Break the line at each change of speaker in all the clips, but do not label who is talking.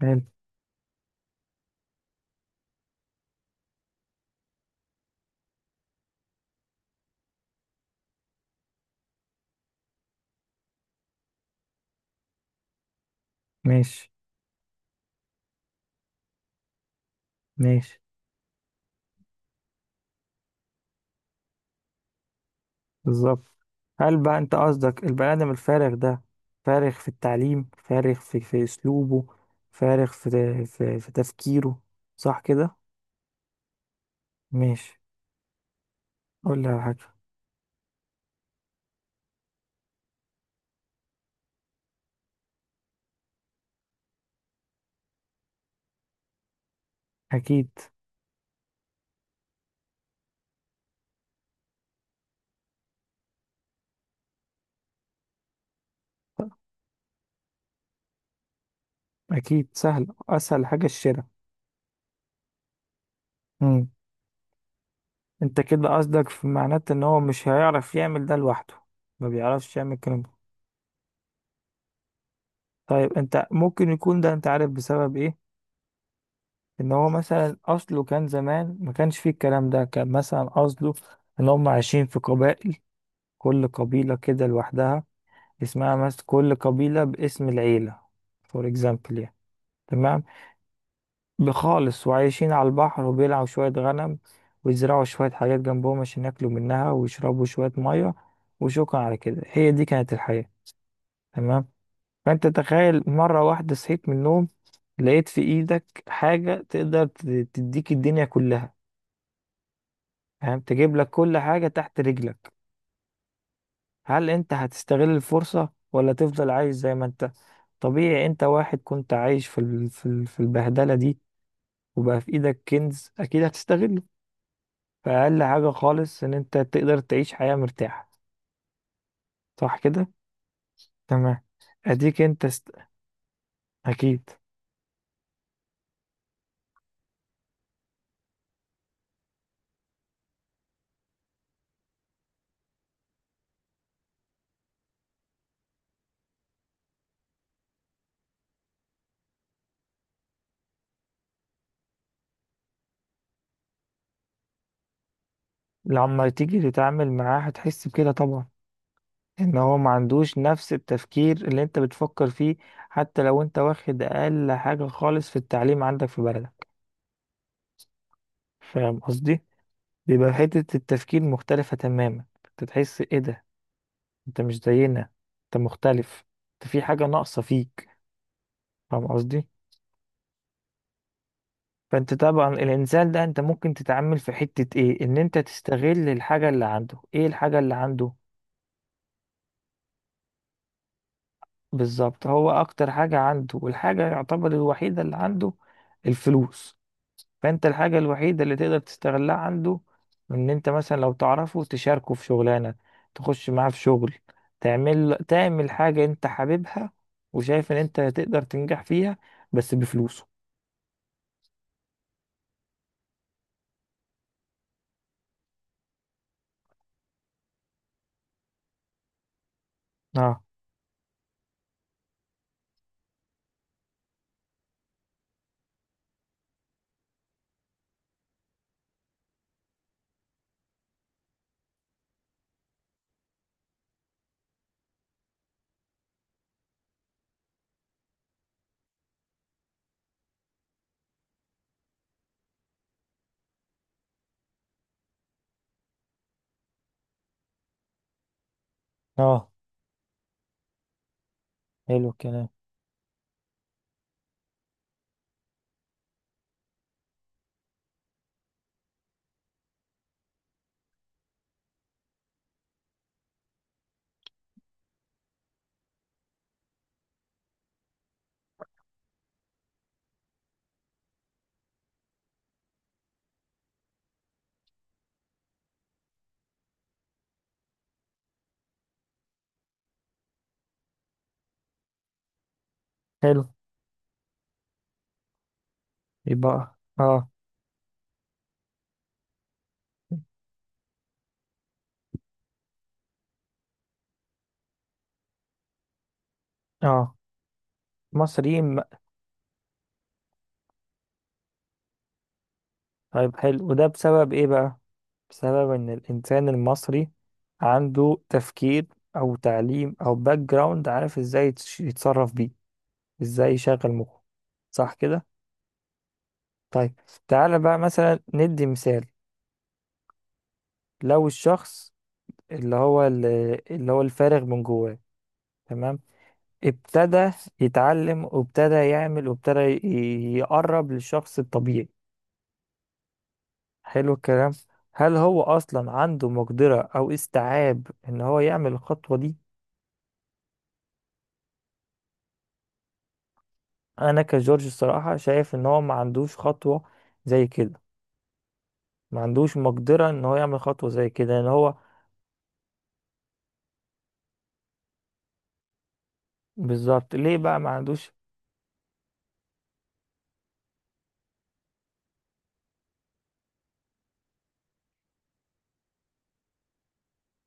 حلو. ماشي. ماشي. بالظبط. هل بقى انت قصدك البني ادم الفارغ ده فارغ في التعليم، فارغ في اسلوبه، فارغ في تفكيره؟ صح كده؟ ماشي. قول لي على حاجه. اكيد. اكيد سهل، اسهل حاجه الشراء. امم انت كده قصدك في معناته ان هو مش هيعرف يعمل ده لوحده، ما بيعرفش يعمل الكلام ده. طيب انت ممكن يكون ده انت عارف بسبب ايه؟ ان هو مثلا اصله كان زمان ما كانش فيه الكلام ده، كان مثلا اصله ان هم عايشين في قبائل، كل قبيلة كده لوحدها، اسمها مثلا كل قبيلة باسم العيلة، فور اكزامبل يعني. تمام. بخالص. وعايشين على البحر وبيلعوا شوية غنم ويزرعوا شوية حاجات جنبهم عشان ياكلوا منها ويشربوا شوية مية، وشكرا على كده، هي دي كانت الحياة. تمام. فانت تخيل مرة واحدة صحيت من النوم لقيت في ايدك حاجة تقدر تديك الدنيا كلها، فاهم؟ تجيب لك كل حاجة تحت رجلك. هل انت هتستغل الفرصة ولا تفضل عايش زي ما انت؟ طبيعي انت واحد كنت عايش في البهدلة دي، وبقى في ايدك كنز، اكيد هتستغله. فأقل حاجة خالص ان انت تقدر تعيش حياة مرتاحة، صح كده؟ تمام. اديك اكيد. لما تيجي تتعامل معاه هتحس بكده طبعا، ان هو ما عندوش نفس التفكير اللي انت بتفكر فيه، حتى لو انت واخد اقل حاجة خالص في التعليم عندك في بلدك. فاهم قصدي؟ بيبقى حتة التفكير مختلفة تماما. انت تحس ايه ده؟ انت مش زينا، انت مختلف، انت في حاجة ناقصة فيك. فاهم قصدي؟ فانت طبعا الانسان ده، انت ممكن تتعامل في حتة ايه؟ ان انت تستغل الحاجة اللي عنده. ايه الحاجة اللي عنده؟ بالظبط، هو اكتر حاجة عنده والحاجة يعتبر الوحيدة اللي عنده الفلوس. فانت الحاجة الوحيدة اللي تقدر تستغلها عنده ان انت مثلا لو تعرفه تشاركه في شغلانة، تخش معاه في شغل، تعمل حاجة انت حاببها وشايف ان انت تقدر تنجح فيها، بس بفلوسه. اه. اه. حلو الكلام. حلو. يبقى اه. اه مصريين بقى. طيب حلو، وده بسبب ايه بقى؟ بسبب ان الانسان المصري عنده تفكير او تعليم او باك جراوند، عارف ازاي يتصرف بيه، ازاي يشغل مخه. صح كده؟ طيب. تعالى بقى مثلا ندي مثال. لو الشخص اللي هو اللي هو الفارغ من جواه، تمام، ابتدى يتعلم وابتدى يعمل وابتدى يقرب للشخص الطبيعي، حلو الكلام، هل هو اصلا عنده مقدرة او استيعاب ان هو يعمل الخطوة دي؟ انا كجورج الصراحة شايف ان هو ما عندوش خطوة زي كده، ما عندوش مقدرة ان هو يعمل خطوة زي كده، ان هو. بالظبط، ليه بقى ما عندوش؟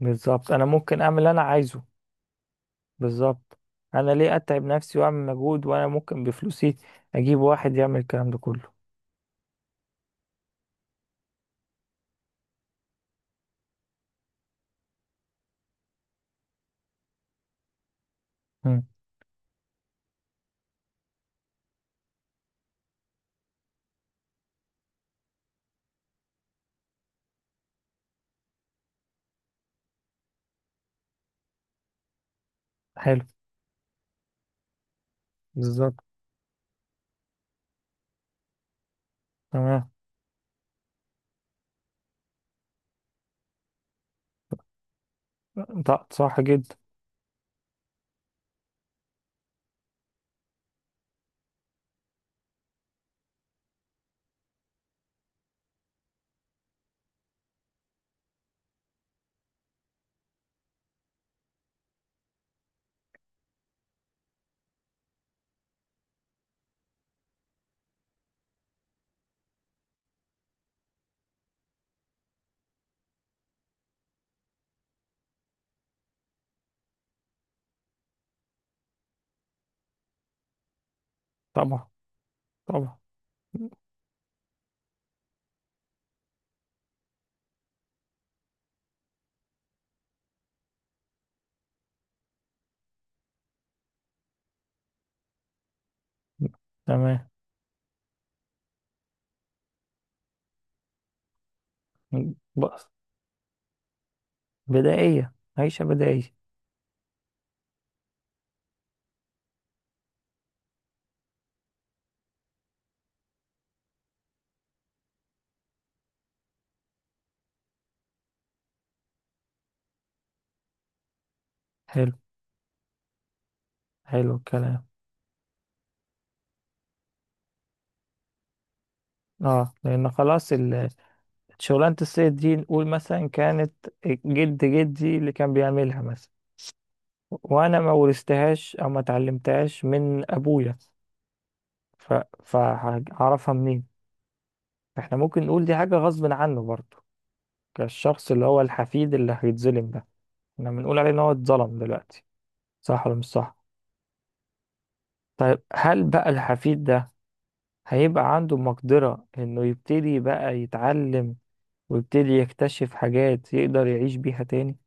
بالظبط، انا ممكن اعمل اللي انا عايزه. بالظبط، انا ليه اتعب نفسي واعمل مجهود وانا ممكن بفلوسي اجيب واحد يعمل الكلام ده كله. مم. حلو. بالظبط. تمام. طب صح جدا. طبعا. طبعا. مم. تمام. بس. بدائية. عيشة بدائية. حلو. حلو الكلام. اه لان خلاص شغلانة الصيد دي نقول مثلا كانت جد جدي اللي كان بيعملها مثلا، وانا ما ورثتهاش او ما اتعلمتهاش من ابويا، ف... فهعرفها منين؟ احنا ممكن نقول دي حاجة غصب عنه برضه، كالشخص اللي هو الحفيد اللي هيتظلم ده، احنا بنقول عليه ان هو اتظلم دلوقتي، صح ولا مش صح؟ طيب هل بقى الحفيد ده هيبقى عنده مقدرة انه يبتدي بقى يتعلم ويبتدي يكتشف حاجات يقدر يعيش بيها تاني؟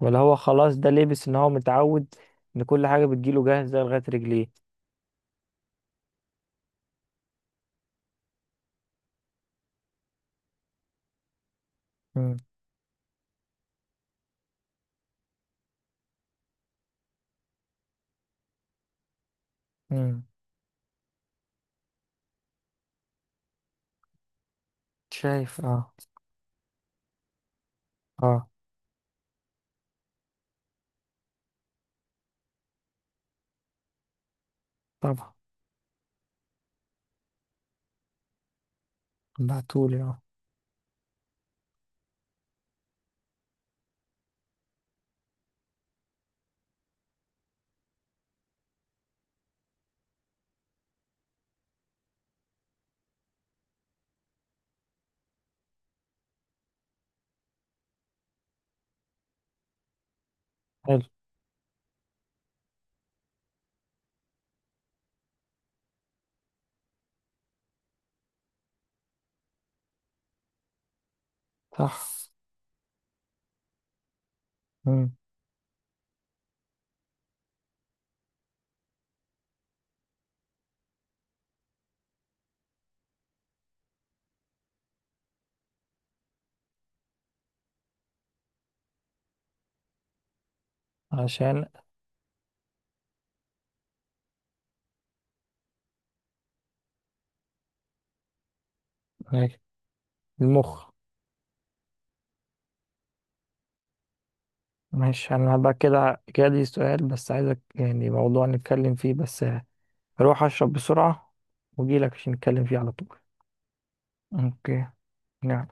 ولا هو خلاص ده لبس ان هو متعود ان كل حاجة بتجيله جاهزة لغاية رجليه؟ مم. مم. شايف. اه. اه. طبعا. بعتولي اه. حلو. صح. مم. عشان. ماشي. المخ. ماشي، انا بقى كده كده دي سؤال بس عايزك يعني موضوع نتكلم فيه بس. هروح اشرب بسرعة واجيلك عشان نتكلم فيه على طول. اوكي. نعم.